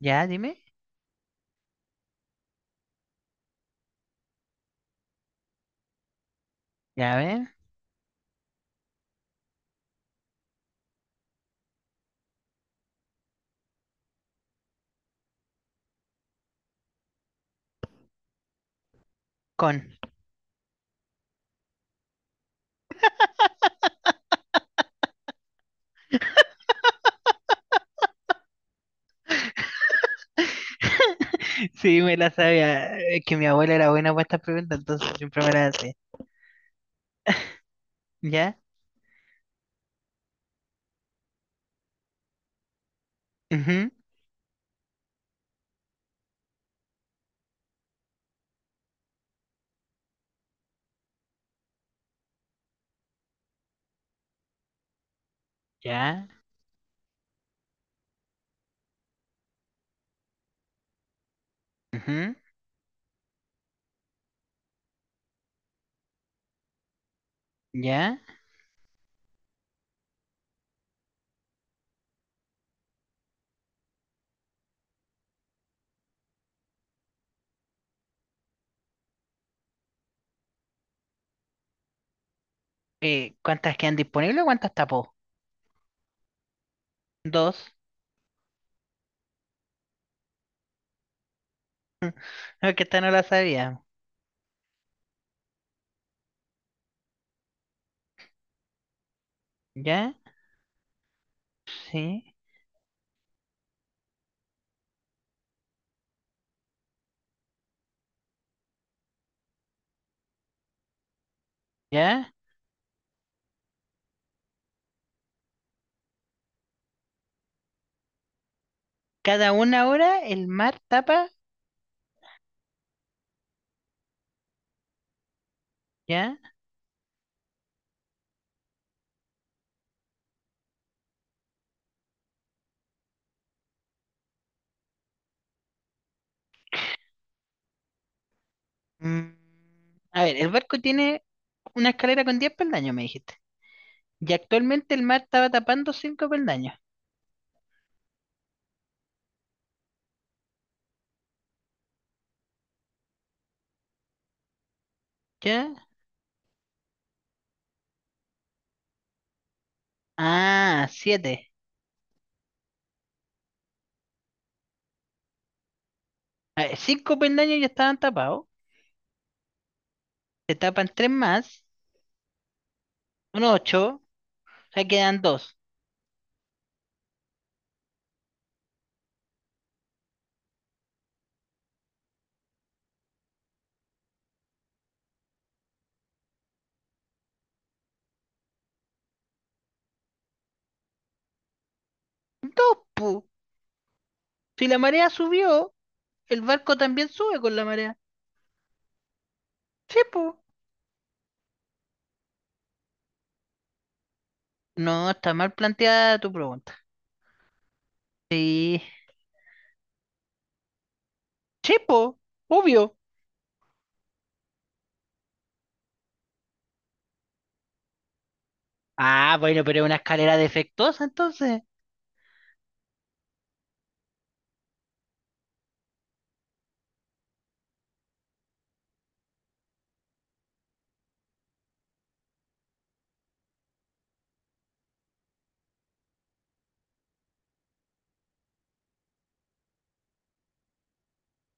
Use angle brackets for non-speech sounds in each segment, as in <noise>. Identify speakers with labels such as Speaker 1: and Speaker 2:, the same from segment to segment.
Speaker 1: Ya, dime. Ya ven. Con. <laughs> Sí, me la sabía. Es que mi abuela era buena para estas preguntas, entonces siempre me las hace. ¿Ya? Ujú. ¿Ya? Ujú. ¿Ya? ¿Cuántas quedan disponibles o cuántas tapó? Dos. No, que esta no la sabía. ¿Ya? Sí. ¿Ya? Cada una hora el mar tapa. ¿Ya? Mm, A ver, el barco tiene una escalera con 10 peldaños, me dijiste. Y actualmente el mar estaba tapando cinco peldaños. ¿Ya? Ah, siete. A ver, cinco peldaños ya estaban tapados. Se tapan tres más. Son ocho. Ya quedan dos. Dos, pu. Si la marea subió, el barco también sube con la marea. Sí, pu. No, está mal planteada tu pregunta. Sí. Sí, pu. Obvio. Ah, bueno, pero es una escalera defectuosa entonces.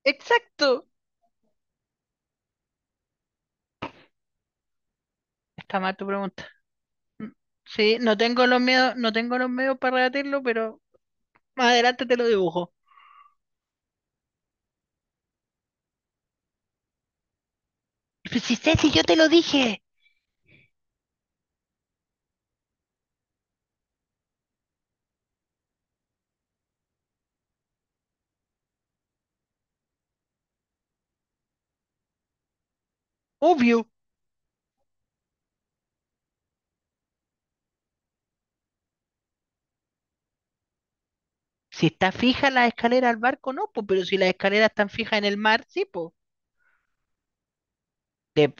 Speaker 1: Exacto. Está mal tu pregunta. Mm. Sí, no tengo los medios, no tengo los medios para rebatirlo, pero más adelante te lo dibujo. Pues si sé si yo te lo dije. Obvio. Si está fija la escalera al barco, no, pues, pero si las escaleras están fijas en el mar, sí, pues. De-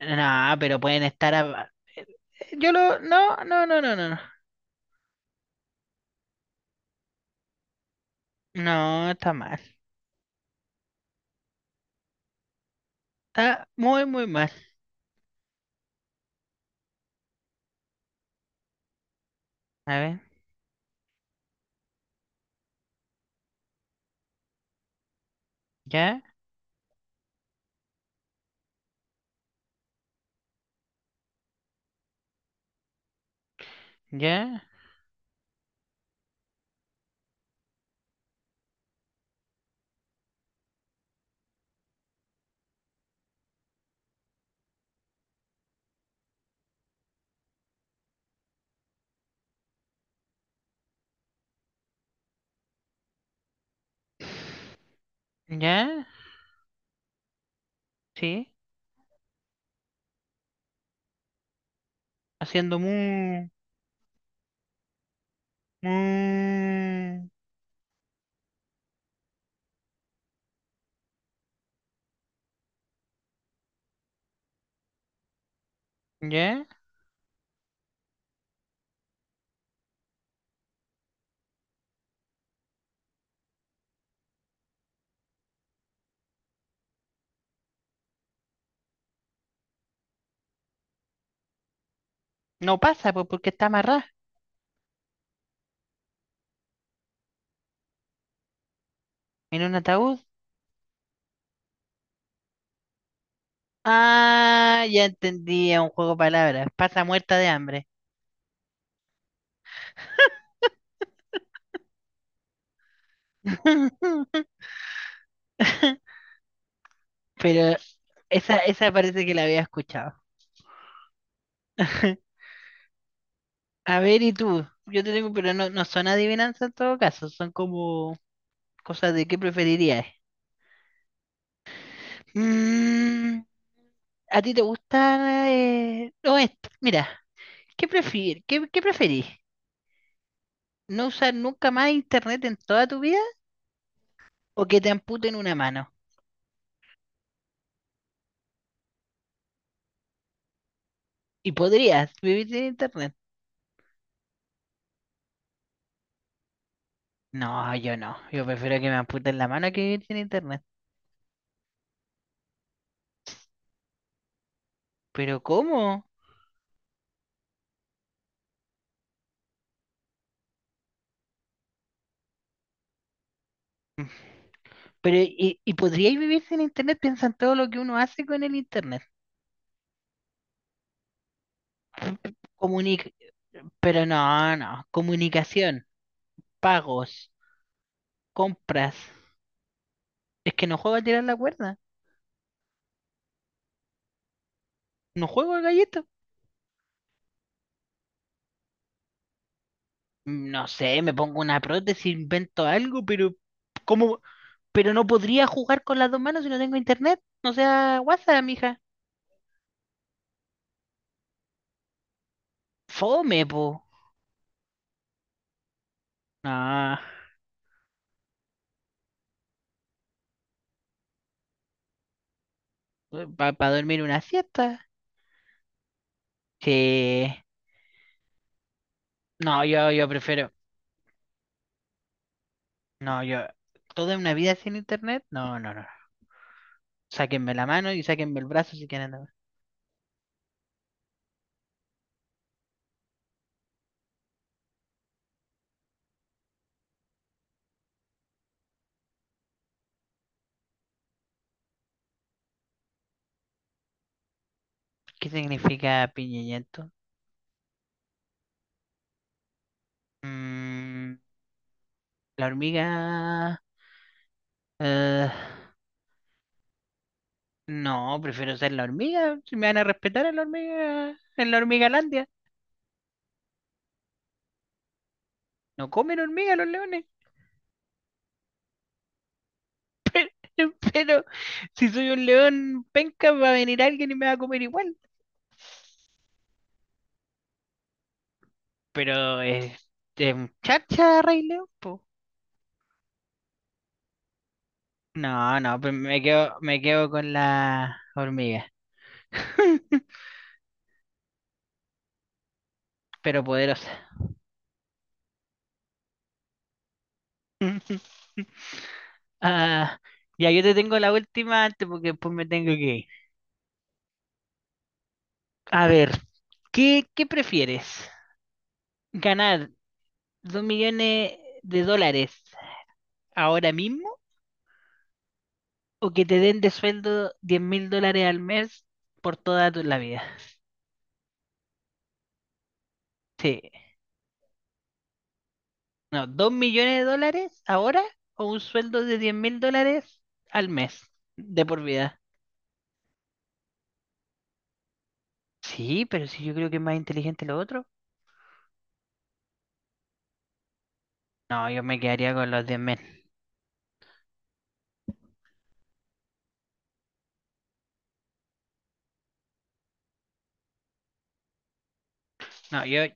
Speaker 1: No, pero pueden estar a- Yo lo... No, no, no, no, no. No, no, está mal. Está muy, muy mal. A ver, ya, ya, ya, sí. Haciendo mu... mu... Ya. No pasa, pues, porque está amarrada en un ataúd. Ah, ya entendí, es un juego de palabras. Pasa muerta de hambre. <laughs> Pero esa parece que la había escuchado. <laughs> A ver, ¿y tú? Yo te tengo, pero no, no son adivinanzas en todo caso, son como cosas de qué preferirías. Mm, ¿A ti te gusta? No, esto, mira, ¿qué preferís? ¿No usar nunca más internet en toda tu vida o que te amputen una mano? ¿Y podrías vivir sin internet? No, yo no, yo prefiero que me amputen la mano que vivir sin internet. ¿Pero cómo? Pero, ¿y podríais vivir sin internet? Piensa en todo lo que uno hace con el internet. Comunic Pero no, no. Comunicación, pagos, compras. Es que no juego a tirar la cuerda. No juego al gallito. No sé, me pongo una prótesis, invento algo, pero ¿cómo? Pero no podría jugar con las dos manos si no tengo internet. No sea WhatsApp, mija. Fome, po. No, para dormir una siesta. Sí. No, yo prefiero. No, yo toda una vida sin internet, no, no, no. Sáquenme la mano y sáquenme el brazo si quieren. No. ¿Qué significa piñillento? Mm, la hormiga. eh, no, prefiero ser la hormiga. Si me van a respetar en la hormiga, en la hormigalandia. No comen hormiga los leones. <laughs> Pero si soy un león penca, va a venir alguien y me va a comer igual. Pero es un chacha, Rey León, po. No, no, pues me quedo con la hormiga. <laughs> pero poderosa. <laughs> Ah, ya, yo te tengo la última antes porque después me tengo que ir. A ver, ¿qué prefieres? ¿Ganar 2 millones de dólares ahora mismo o que te den de sueldo 10.000 dólares al mes por la vida? Sí, no, 2 millones de dólares ahora o un sueldo de 10.000 dólares al mes de por vida. Sí, pero si yo creo que es más inteligente lo otro. No, yo me quedaría con los 10.000. No, yo,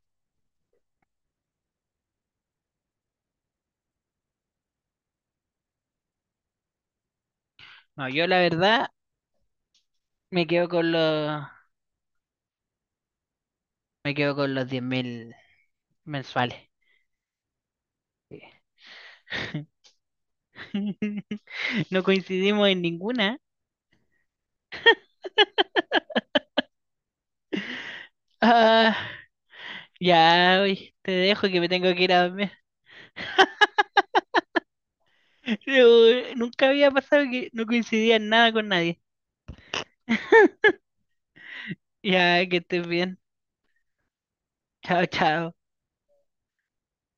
Speaker 1: no, yo la verdad me quedo con los, me quedo con los 10.000 mensuales. <laughs> No coincidimos en ninguna. <laughs> Ah, ya, oye, te dejo que me tengo que ir a dormir. <laughs> Pero, nunca había pasado que no coincidía en nada con nadie. <laughs> Ya, que estés bien. Chao, chao.